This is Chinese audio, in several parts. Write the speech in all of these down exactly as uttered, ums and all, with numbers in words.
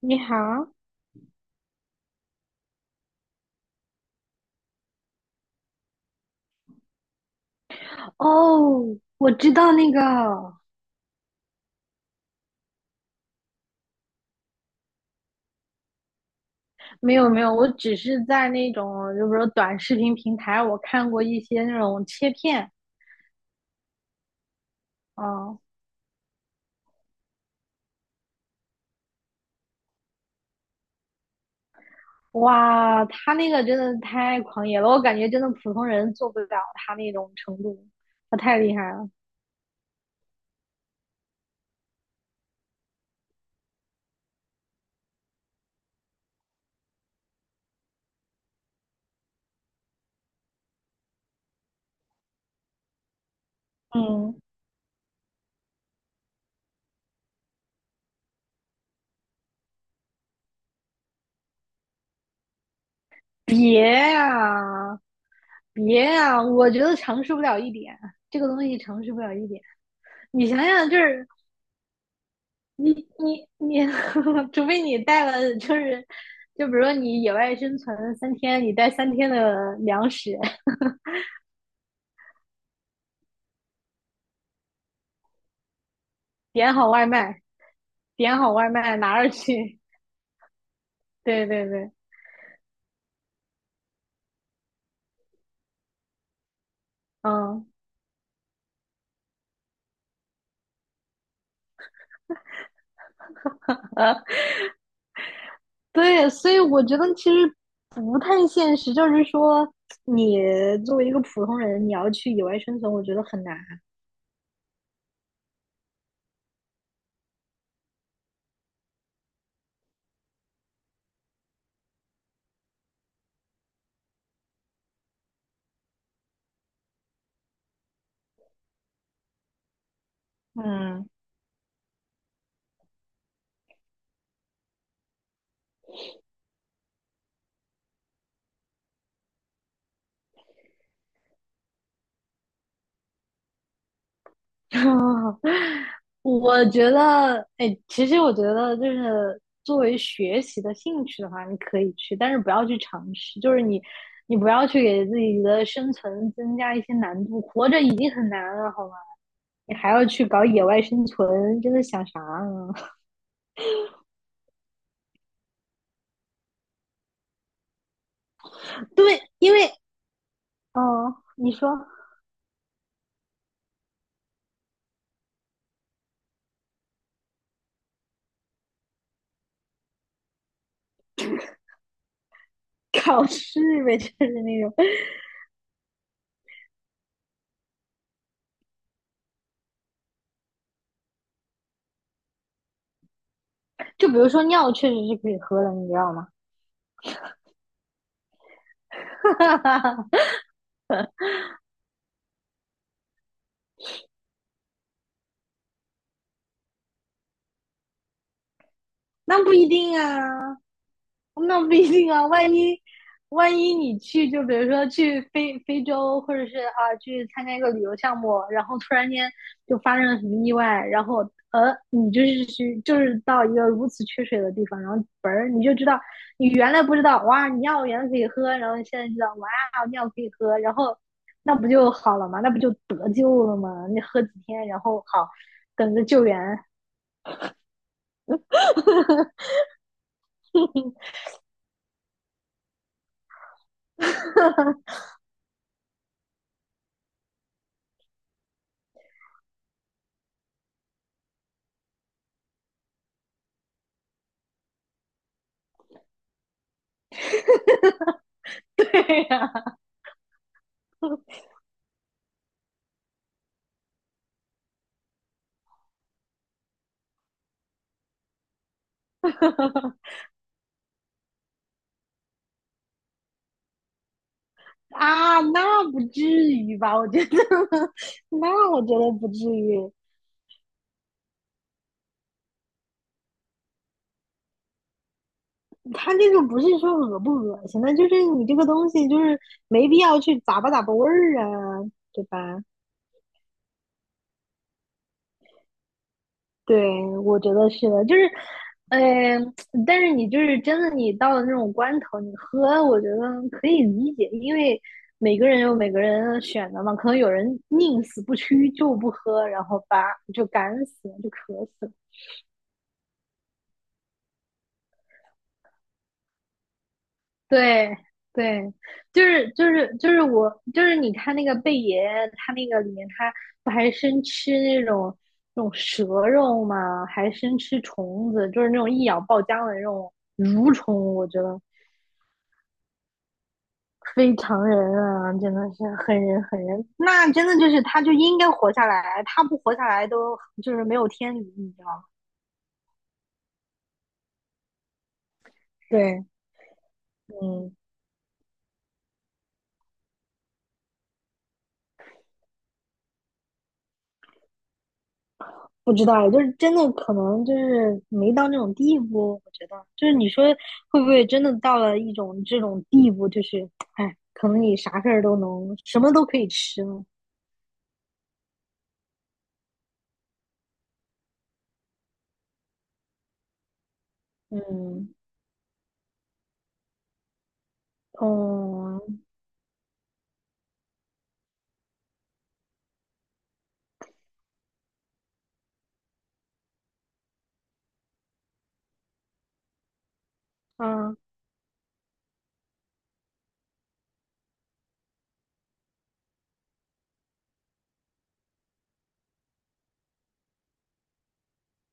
你好。哦，我知道那个。没有没有，我只是在那种就比如说短视频平台，我看过一些那种切片。啊，哇，他那个真的太狂野了，我感觉真的普通人做不了他那种程度，他太厉害了。嗯，别呀、别呀、我觉得尝试不了一点，这个东西尝试不了一点。你想想就是。你你你，除非你带了，就是就比如说你野外生存三天，你带三天的粮食，点好外卖，点好外卖拿着去。对对对。嗯，呃，对，所以我觉得其实不太现实，就是说你作为一个普通人，你要去野外生存，我觉得很难。嗯。啊，我觉得，哎，其实我觉得就是作为学习的兴趣的话，你可以去，但是不要去尝试，就是你，你不要去给自己的生存增加一些难度，活着已经很难了，好吗？你还要去搞野外生存，真的想啥呢？对，因为，哦，你说考试呗，就是那种。就比如说尿确实是可以喝的，你知道吗？那不一定啊。那不一定啊，万一万一你去，就比如说去非非洲，或者是啊去参加一个旅游项目，然后突然间就发生了什么意外，然后呃你就是去就是到一个如此缺水的地方，然后本儿你就知道你原来不知道哇你尿原来可以喝，然后你现在知道哇尿可以喝，然后那不就好了吗？那不就得救了吗？你喝几天，然后好等着救援。对呀、啊，那不至于吧？我觉得，那我觉得不至于。他这个不是说恶不恶心，那就是你这个东西就是没必要去咂吧咂吧味儿啊，对吧？对，我觉得是的，就是，嗯、但是你就是真的，你到了那种关头，你喝，我觉得可以理解，因为每个人有每个人选择嘛，可能有人宁死不屈就不喝，然后吧就干死了，就渴死了。对对。就是就是就是我就是你看那个贝爷，他那个里面他不还生吃那种那种蛇肉吗？还生吃虫子，就是那种一咬爆浆的那种蠕虫，我觉得非常人啊，真的是很人很人。那真的就是他就应该活下来，他不活下来都就是没有天理，你知道吗？对。嗯。不知道，就是真的可能就是没到那种地步，我觉得就是你说会不会真的到了一种这种地步，就是哎，可能你啥事儿都能，什么都可以吃了。嗯。哦。啊。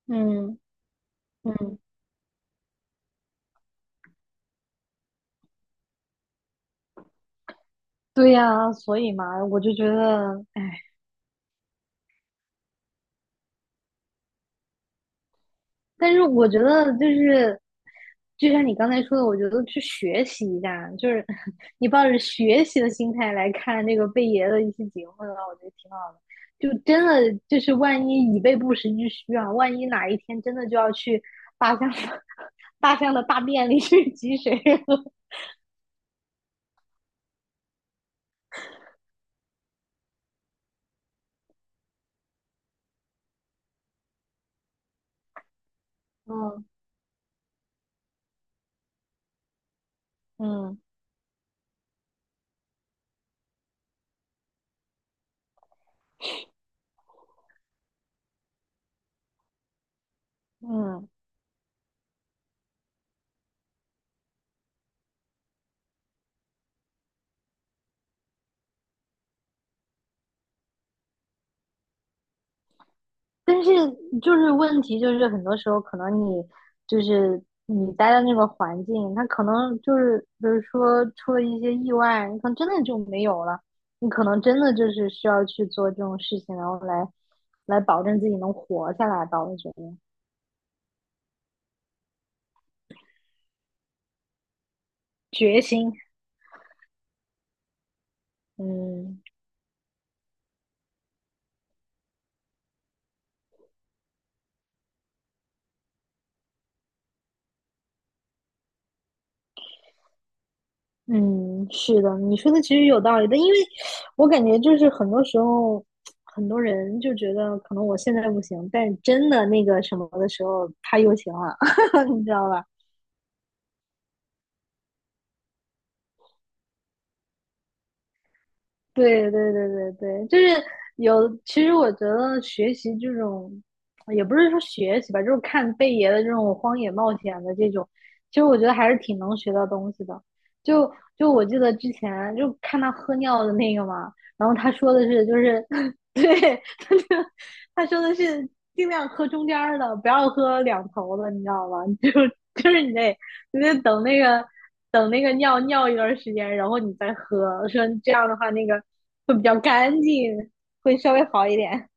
嗯嗯。对呀，所以嘛，我就觉得哎。但是我觉得就是，就像你刚才说的，我觉得去学习一下，就是 你抱着学习的心态来看这个贝爷的一些节目的话，我觉得挺好的。就真的就是万一以备不时之需啊，万一哪一天真的就要去大象的 大象的大便里去挤水了。 嗯嗯嗯。但是就是问题就是很多时候可能你就是你待的那个环境，它可能就是比如说出了一些意外，你可能真的就没有了，你可能真的就是需要去做这种事情，然后来来保证自己能活下来吧。我觉得决心。嗯。嗯，是的，你说的其实有道理的，因为我感觉就是很多时候，很多人就觉得可能我现在不行，但真的那个什么的时候，他又行了，你知道吧？对对对对对，就是有。其实我觉得学习这种，也不是说学习吧，就是看贝爷的这种荒野冒险的这种，其实我觉得还是挺能学到东西的。就就我记得之前就看他喝尿的那个嘛，然后他说的是就是，对，他就他说的是尽量喝中间儿的，不要喝两头的，你知道吗？就就是你得你得等那个。等那个尿尿一段时间，然后你再喝。说这样的话，那个会比较干净，会稍微好一点。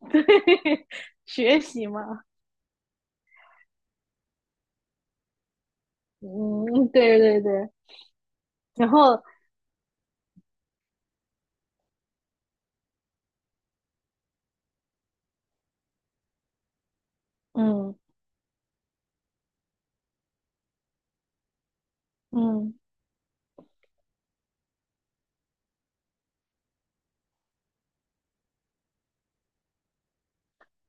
对，学习嘛。嗯，对对对。然后，嗯嗯。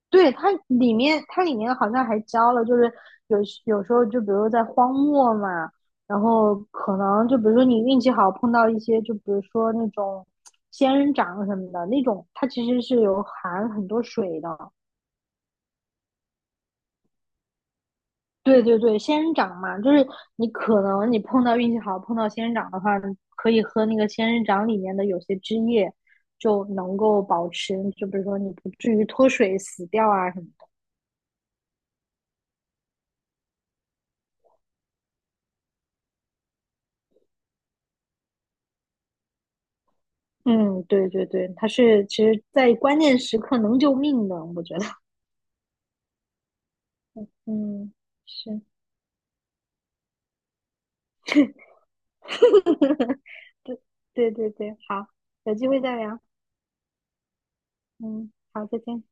对，它里面它里面好像还教了，就是有有时候就比如在荒漠嘛，然后可能就比如说你运气好碰到一些，就比如说那种仙人掌什么的那种，它其实是有含很多水的。对对对，仙人掌嘛，就是你可能你碰到运气好，碰到仙人掌的话，你可以喝那个仙人掌里面的有些汁液，就能够保持，就比如说你不至于脱水死掉啊什么的。嗯，对对对，它是其实在关键时刻能救命的，我觉得。嗯，是。对对对对，好，有机会再聊。嗯，好，再见。